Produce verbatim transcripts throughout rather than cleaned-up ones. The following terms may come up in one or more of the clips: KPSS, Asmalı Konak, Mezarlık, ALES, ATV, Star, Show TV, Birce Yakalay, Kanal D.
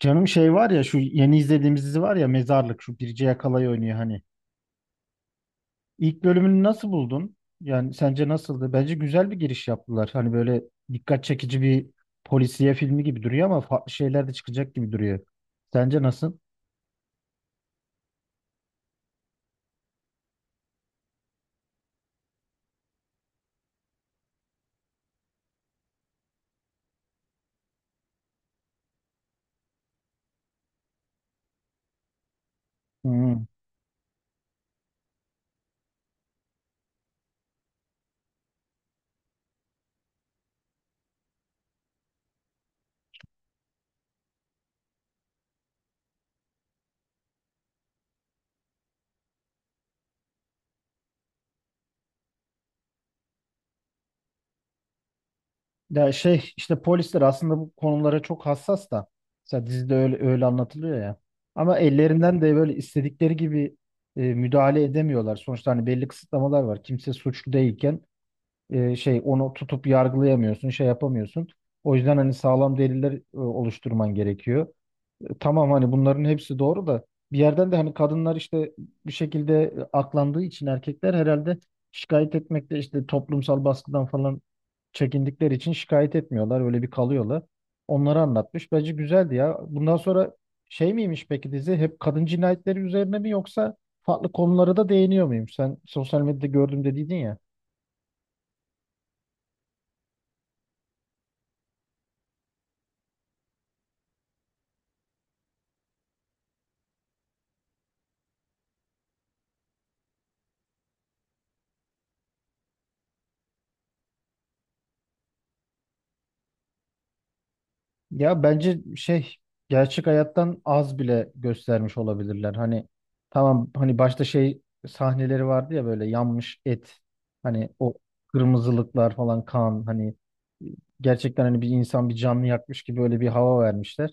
Canım şey var ya şu yeni izlediğimiz dizi var ya Mezarlık şu Birce Yakalay oynuyor hani. İlk bölümünü nasıl buldun? Yani sence nasıldı? Bence güzel bir giriş yaptılar. Hani böyle dikkat çekici bir polisiye filmi gibi duruyor ama farklı şeyler de çıkacak gibi duruyor. Sence nasıl? Hmm. Ya şey işte polisler aslında bu konulara çok hassas da. Mesela dizide öyle, öyle anlatılıyor ya. Ama ellerinden de böyle istedikleri gibi e, müdahale edemiyorlar. Sonuçta hani belli kısıtlamalar var. Kimse suçlu değilken e, şey onu tutup yargılayamıyorsun, şey yapamıyorsun. O yüzden hani sağlam deliller e, oluşturman gerekiyor. E, Tamam hani bunların hepsi doğru da bir yerden de hani kadınlar işte bir şekilde e, aklandığı için erkekler herhalde şikayet etmekte işte toplumsal baskıdan falan çekindikleri için şikayet etmiyorlar. Öyle bir kalıyorlar. Onları anlatmış. Bence güzeldi ya. Bundan sonra şey miymiş peki dizi? Hep kadın cinayetleri üzerine mi yoksa farklı konulara da değiniyor muyum? Sen sosyal medyada gördüm dediydin ya. Ya bence şey gerçek hayattan az bile göstermiş olabilirler. Hani tamam hani başta şey sahneleri vardı ya böyle yanmış et hani o kırmızılıklar falan kan hani e, gerçekten hani bir insan bir canlı yakmış gibi öyle bir hava vermişler.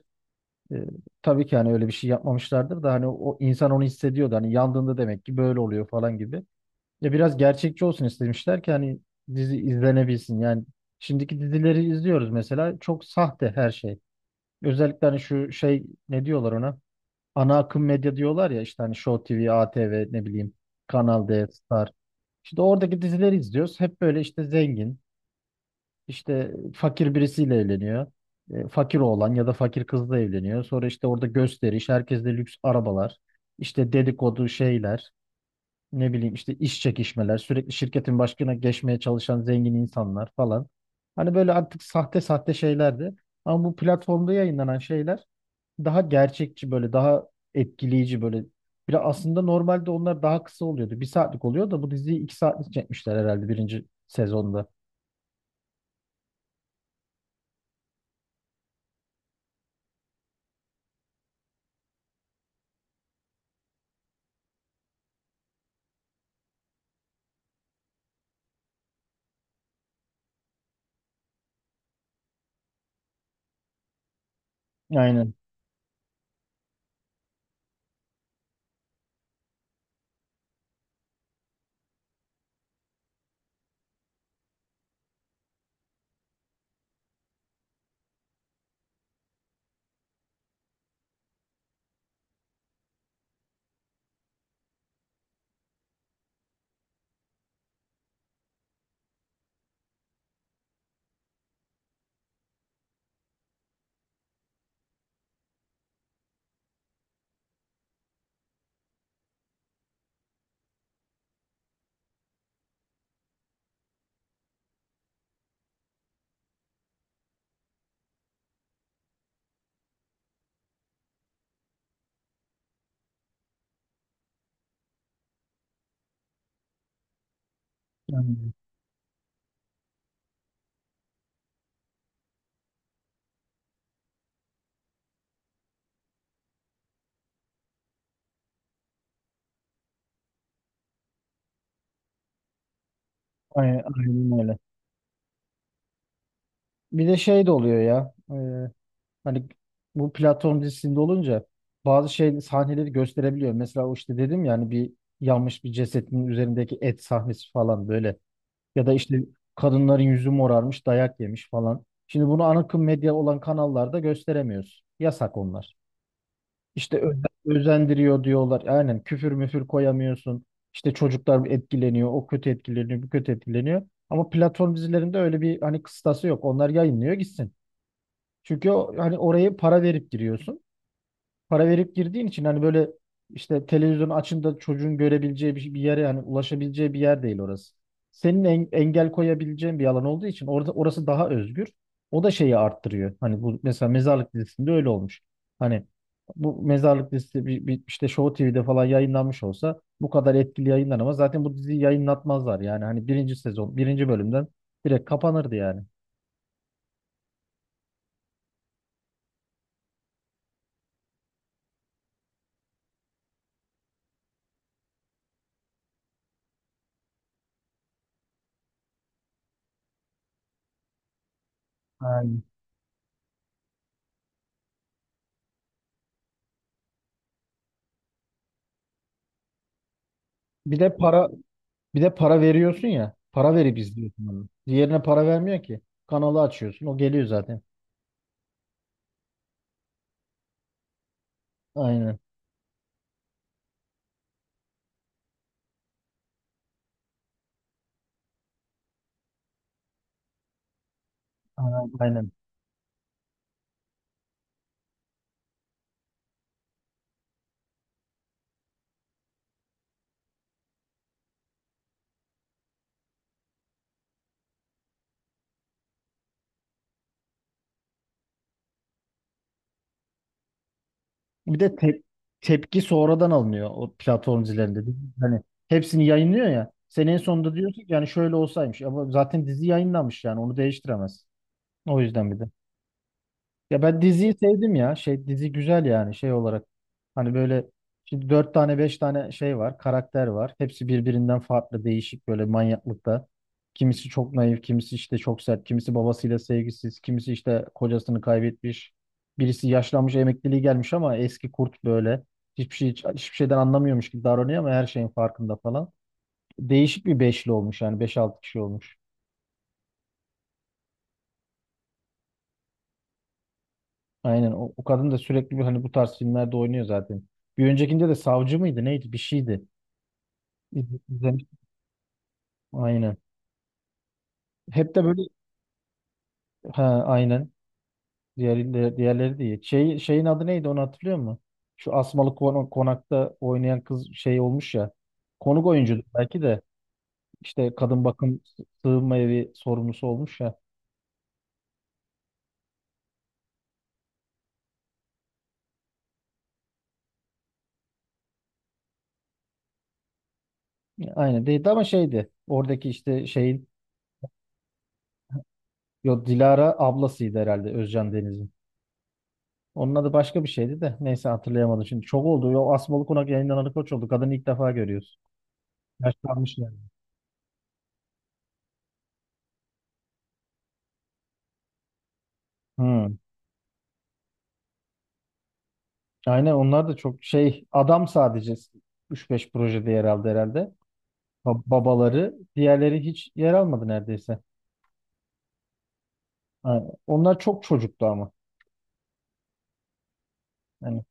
E, tabii ki hani öyle bir şey yapmamışlardır da hani o insan onu hissediyordu. Hani yandığında demek ki böyle oluyor falan gibi. Ya biraz gerçekçi olsun istemişler ki hani dizi izlenebilsin. Yani şimdiki dizileri izliyoruz mesela çok sahte her şey. Özellikle hani şu şey ne diyorlar ona? Ana akım medya diyorlar ya işte hani Show T V, A T V ne bileyim Kanal D, Star. İşte oradaki dizileri izliyoruz. Hep böyle işte zengin, işte fakir birisiyle evleniyor. E, Fakir oğlan ya da fakir kızla evleniyor. Sonra işte orada gösteriş, herkeste lüks arabalar, işte dedikodu şeyler, ne bileyim işte iş çekişmeler, sürekli şirketin başkına geçmeye çalışan zengin insanlar falan. Hani böyle artık sahte sahte şeylerdi. Ama bu platformda yayınlanan şeyler daha gerçekçi böyle daha etkileyici böyle. Biraz aslında normalde onlar daha kısa oluyordu. Bir saatlik oluyor da bu diziyi iki saatlik çekmişler herhalde birinci sezonda. Aynen. Aynen. Aynen- aynen öyle. Bir de şey de oluyor ya. E, hani bu platform dizisinde olunca bazı şey sahneleri gösterebiliyor. Mesela o işte dedim ya hani bir yanmış bir cesetin üzerindeki et sahnesi falan böyle. Ya da işte kadınların yüzü morarmış, dayak yemiş falan. Şimdi bunu ana akım medya olan kanallarda gösteremiyoruz. Yasak onlar. İşte ö- özendiriyor diyorlar. Aynen küfür müfür koyamıyorsun. İşte çocuklar etkileniyor, o kötü etkileniyor, bu kötü etkileniyor. Ama platform dizilerinde öyle bir hani kıstası yok. Onlar yayınlıyor gitsin. Çünkü o, hani oraya para verip giriyorsun para verip girdiğin için hani böyle işte televizyon açında çocuğun görebileceği bir, şey, bir yere yani ulaşabileceği bir yer değil orası. Senin en- engel koyabileceğin bir alan olduğu için orada orası daha özgür. O da şeyi arttırıyor. Hani bu mesela mezarlık dizisinde öyle olmuş. Hani bu mezarlık dizisi bir, bir işte Show T V'de falan yayınlanmış olsa bu kadar etkili yayınlanamaz. Zaten bu diziyi yayınlatmazlar yani. Hani birinci sezon, birinci bölümden direkt kapanırdı yani. Aynen. Bir de para Bir de para veriyorsun ya. Para verip izliyorsun onu. Diğerine para vermiyor ki. Kanalı açıyorsun. O geliyor zaten. Aynen. Aynen. Aynen. Bir de te- tepki sonradan alınıyor o platform dizilerinde. Hani hepsini yayınlıyor ya. Senin sonunda diyorsun ki yani şöyle olsaymış. Ama zaten dizi yayınlanmış yani onu değiştiremez. O yüzden bir de. Ya ben diziyi sevdim ya. Şey dizi güzel yani şey olarak. Hani böyle şimdi dört tane beş tane şey var, karakter var. Hepsi birbirinden farklı, değişik böyle manyaklıkta. Kimisi çok naif, kimisi işte çok sert, kimisi babasıyla sevgisiz, kimisi işte kocasını kaybetmiş. Birisi yaşlanmış, emekliliği gelmiş ama eski kurt böyle. Hiçbir şey hiçbir şeyden anlamıyormuş gibi davranıyor ama her şeyin farkında falan. Değişik bir beşli olmuş yani beş altı kişi olmuş. Aynen o, o kadın da sürekli bir hani bu tarz filmlerde oynuyor zaten. Bir öncekinde de savcı mıydı neydi bir şeydi. İz- İzlemiş. Aynen. Hep de böyle ha aynen. Diğerleri, diğerleri değil. Şey, şeyin adı neydi onu hatırlıyor musun? Şu Asmalı Kon- Konak'ta oynayan kız şey olmuş ya. Konuk oyuncu belki de işte kadın bakım sığınma evi sorumlusu olmuş ya. Aynen değildi ama şeydi. Oradaki işte şeyin yo Dilara ablasıydı herhalde Özcan Deniz'in. Onun adı başka bir şeydi de neyse hatırlayamadım şimdi. Çok oldu. O Asmalı Konak yayınlanan koç oldu. Kadını ilk defa görüyoruz. Yaşlanmış yani. Hmm. Aynen onlar da çok şey adam sadece üç beş projede yer aldı herhalde. Ba- babaları diğerleri hiç yer almadı neredeyse. Ha, onlar çok çocuktu ama. Yani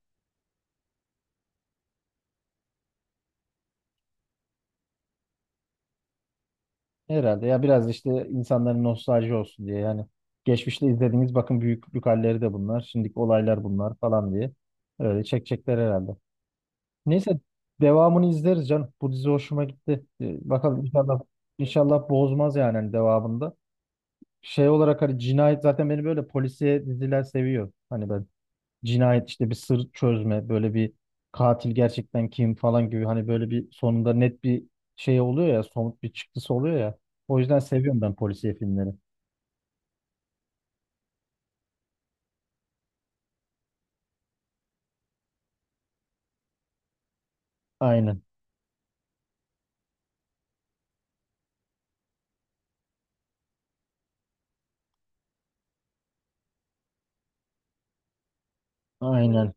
herhalde ya biraz işte insanların nostalji olsun diye yani geçmişte izlediğiniz bakın büyüklük halleri de bunlar. Şimdiki olaylar bunlar falan diye öyle çekecekler herhalde. Neyse devamını izleriz canım. Bu dizi hoşuma gitti. Ee, bakalım inşallah inşallah bozmaz yani hani devamında. Şey olarak hani cinayet zaten beni böyle polisiye diziler seviyor. Hani ben cinayet işte bir sır çözme böyle bir katil gerçekten kim falan gibi hani böyle bir sonunda net bir şey oluyor ya somut bir çıktısı oluyor ya. O yüzden seviyorum ben polisiye filmleri. Aynen. Aynen.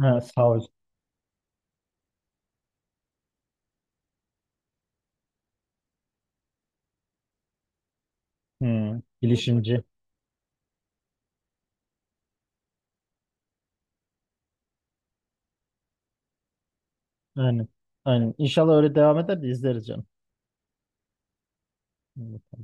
Ha, savcı. Hmm. Bilişimci. Aynen. Aynen. İnşallah öyle devam eder de izleriz canım. Hmm.